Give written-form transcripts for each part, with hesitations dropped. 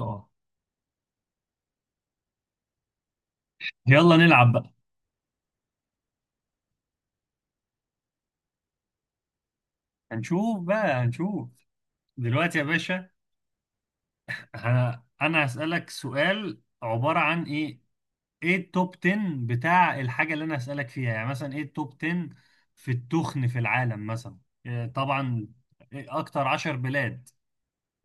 اه. يلا نلعب بقى. هنشوف بقى. دلوقتي يا باشا. انا هسألك سؤال عبارة عن ايه التوب 10. بتاع الحاجة اللي انا هسألك فيها، يعني مثلا ايه التوب 10 في التخن في العالم مثلا. إيه طبعا. إيه اكتر 10 بلاد؟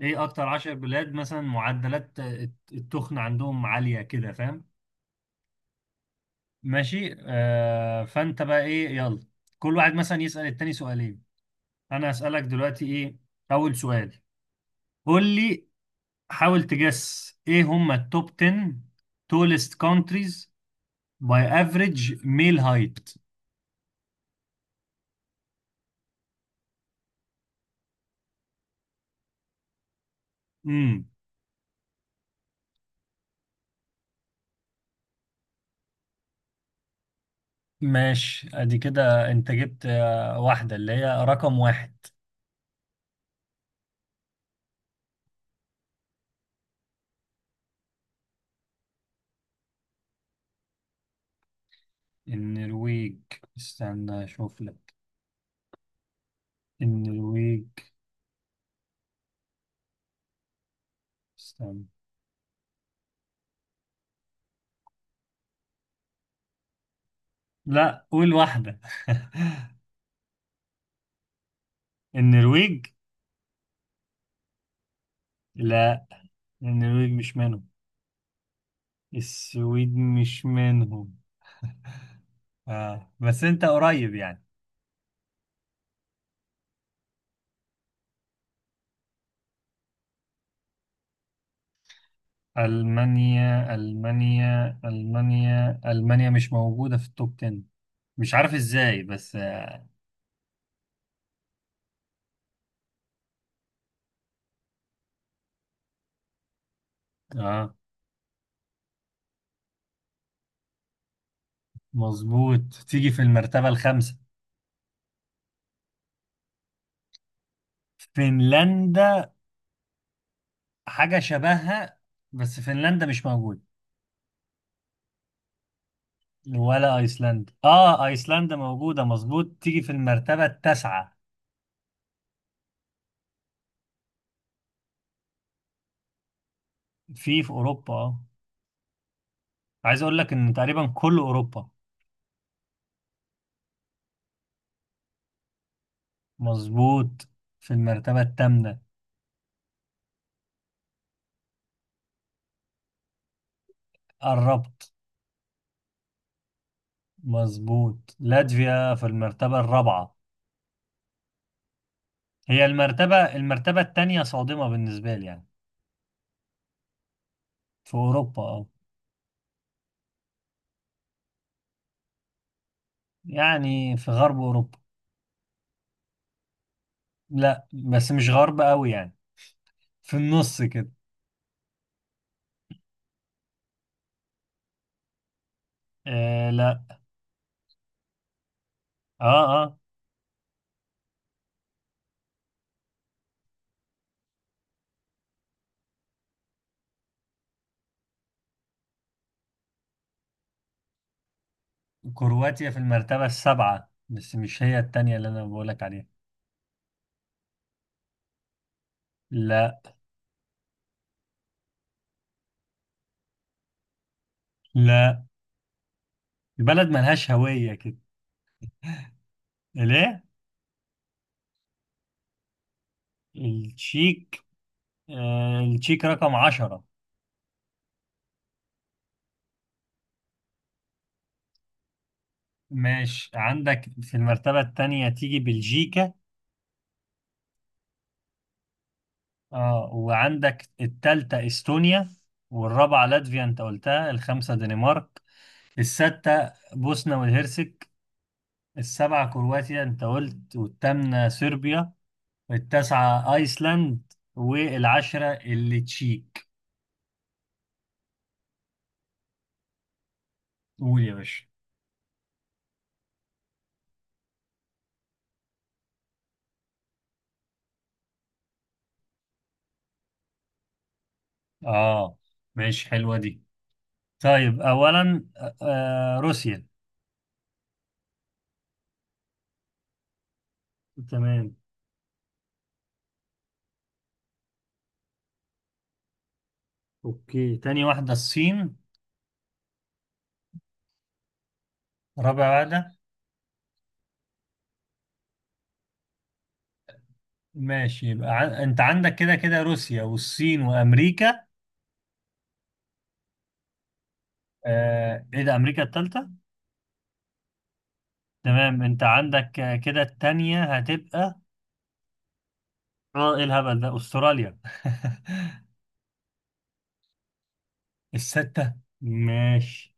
ايه اكتر 10 بلاد مثلا معدلات التخن عندهم عالية كده، فاهم؟ ماشي آه، فانت بقى ايه؟ يلا، كل واحد مثلا يسأل التاني سؤالين. انا هسألك دلوقتي ايه اول سؤال. قول لي، حاول تجس ايه هم التوب 10 tallest countries by average male height. امم ماشي، ادي كده انت جبت واحدة اللي هي رقم واحد. النرويج؟ استنى اشوف لك. النرويج، استنى. لا، قول واحدة. النرويج؟ لا، النرويج مش منهم. السويد مش منهم. آه، بس انت قريب يعني. ألمانيا مش موجودة في التوب 10، مش عارف إزاي بس. آه، مظبوط، تيجي في المرتبة الخامسة. فنلندا؟ حاجة شبهها، بس فنلندا مش موجودة. ولا أيسلندا، آه أيسلندا موجودة، مظبوط تيجي في المرتبة التاسعة. في أوروبا آه، عايز أقول لك إن تقريبا كل أوروبا. مظبوط، في المرتبة الثامنة. قربت. مظبوط، لاتفيا في المرتبة الرابعة. هي المرتبة التانية صادمة بالنسبة لي يعني. في أوروبا أه. يعني في غرب أوروبا. لا، بس مش غرب أوي يعني، في النص كده. آه لا. أه. كرواتيا في المرتبة السابعة، بس مش هي التانية اللي أنا بقولك عليها. لا. لا، البلد ملهاش هوية كده. ليه؟ التشيك؟ آه التشيك رقم عشرة. ماشي، عندك في المرتبة التانية تيجي بلجيكا. اه، وعندك التالتة استونيا، والرابعة لاتفيا انت قلتها، الخامسة دنمارك، الستة بوسنة والهرسك، السبعة كرواتيا انت قلت، والثامنة صربيا، التاسعة ايسلاند، والعشرة اللي تشيك. قول يا باشا. اه، ماشي، حلوة دي. طيب اولا روسيا. تمام. اوكي، تاني واحدة الصين. رابع واحدة؟ ماشي، يبقى ع... انت عندك كده كده روسيا والصين وامريكا. آه ايه ده، امريكا الثالثه؟ تمام، انت عندك كده الثانيه هتبقى، اه ايه الهبل ده، استراليا؟ السته. ماشي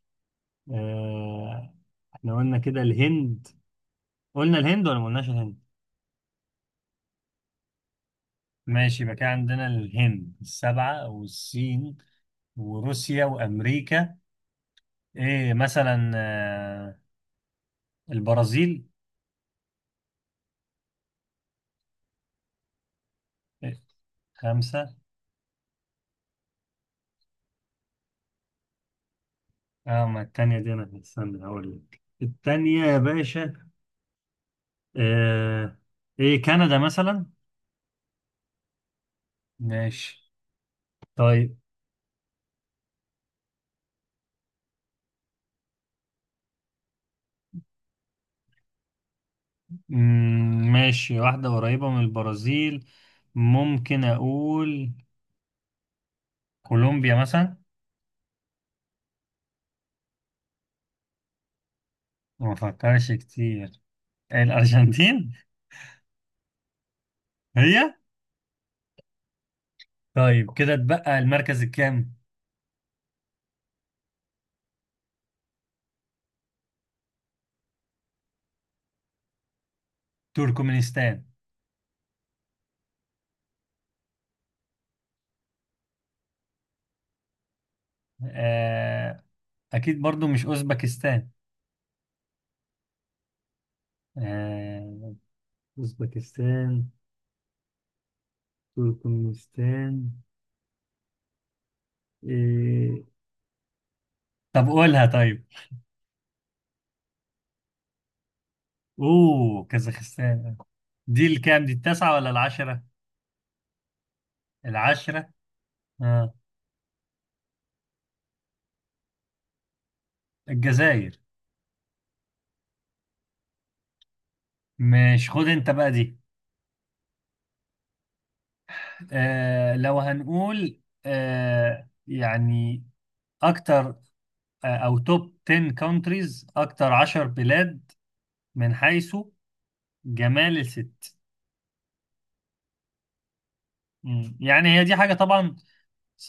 آه، احنا قلنا كده الهند؟ قلنا الهند ولا ما قلناش الهند؟ ماشي، يبقى كده عندنا الهند السبعه، والصين وروسيا وامريكا. ايه مثلا البرازيل. إيه، خمسه؟ اه، ما الثانيه دي انا استنى هقول لك الثانيه يا باشا. آه، ايه كندا مثلا؟ ماشي. طيب ماشي، واحدة قريبة من البرازيل. ممكن أقول كولومبيا مثلا. ما فكرش كتير. الأرجنتين؟ هي. طيب، كده اتبقى المركز الكام؟ تركمانستان؟ آه. أكيد برضو مش أوزبكستان؟ آه، أوزبكستان. تركمانستان. إيه. طب قولها طيب. أوه، كازاخستان. دي الكام، دي التاسعة ولا العشرة؟ العشرة. آه. الجزائر. مش خد انت بقى دي. آه، لو هنقول آه يعني اكتر، او توب 10 countries، اكتر 10 بلاد من حيث جمال الست. مم، يعني هي دي حاجة طبعا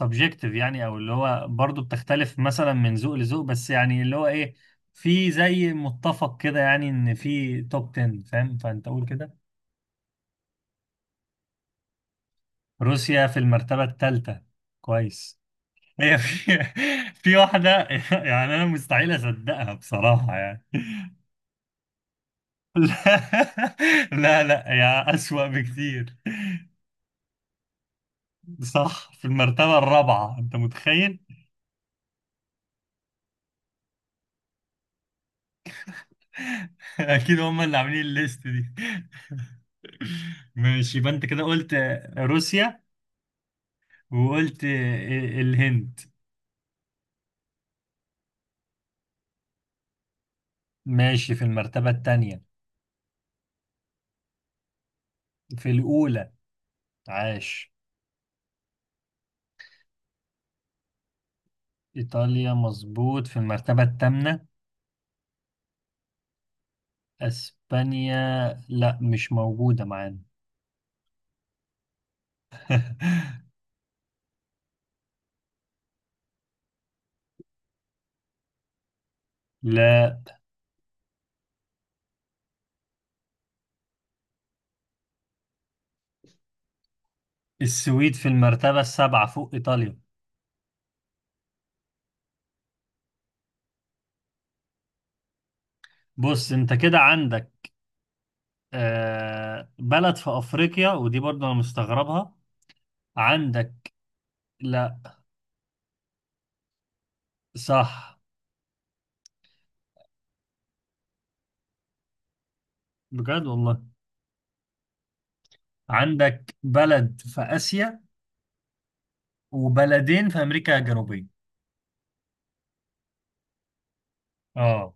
subjective، يعني او اللي هو برضو بتختلف مثلا من ذوق لذوق، بس يعني اللي هو ايه، في زي متفق كده يعني، ان في توب 10، فاهم؟ فانت قول كده. روسيا في المرتبة الثالثة. كويس. هي في في واحدة يعني أنا مستحيل أصدقها بصراحة يعني. لا، لا لا، يا أسوأ بكتير. صح، في المرتبة الرابعة، أنت متخيل؟ أكيد هم اللي عاملين الليست دي. ماشي، يبقى أنت كده قلت روسيا، وقلت الهند. ماشي، في المرتبة الثانية. في الأولى. عاش. إيطاليا، مظبوط في المرتبة الثامنة. اسبانيا؟ لا، مش موجودة معانا. لا. السويد في المرتبة السابعة، فوق إيطاليا. بص، أنت كده عندك آه بلد في أفريقيا، ودي برضه أنا مستغربها. عندك. لا. صح. بجد والله. عندك بلد في آسيا، وبلدين في أمريكا الجنوبية. آه.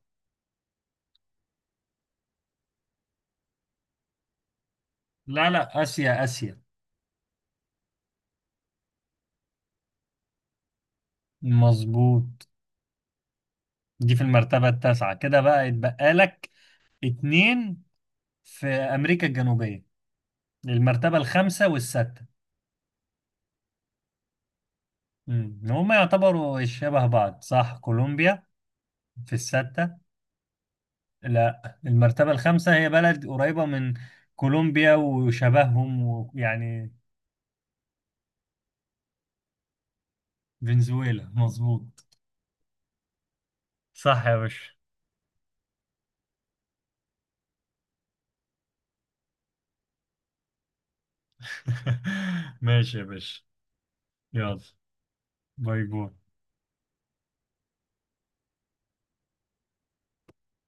لا لا، آسيا آسيا. مظبوط. دي في المرتبة التاسعة، كده بقى يتبقى لك اتنين في أمريكا الجنوبية، المرتبة الخامسة والستة. امم، هم يعتبروا شبه بعض، صح كولومبيا. في الستة. لا، المرتبة الخامسة هي بلد قريبة من كولومبيا، وشبههم، ويعني. فنزويلا، مظبوط. صح يا باشا. ماشي يا باشا. يلا، باي باي.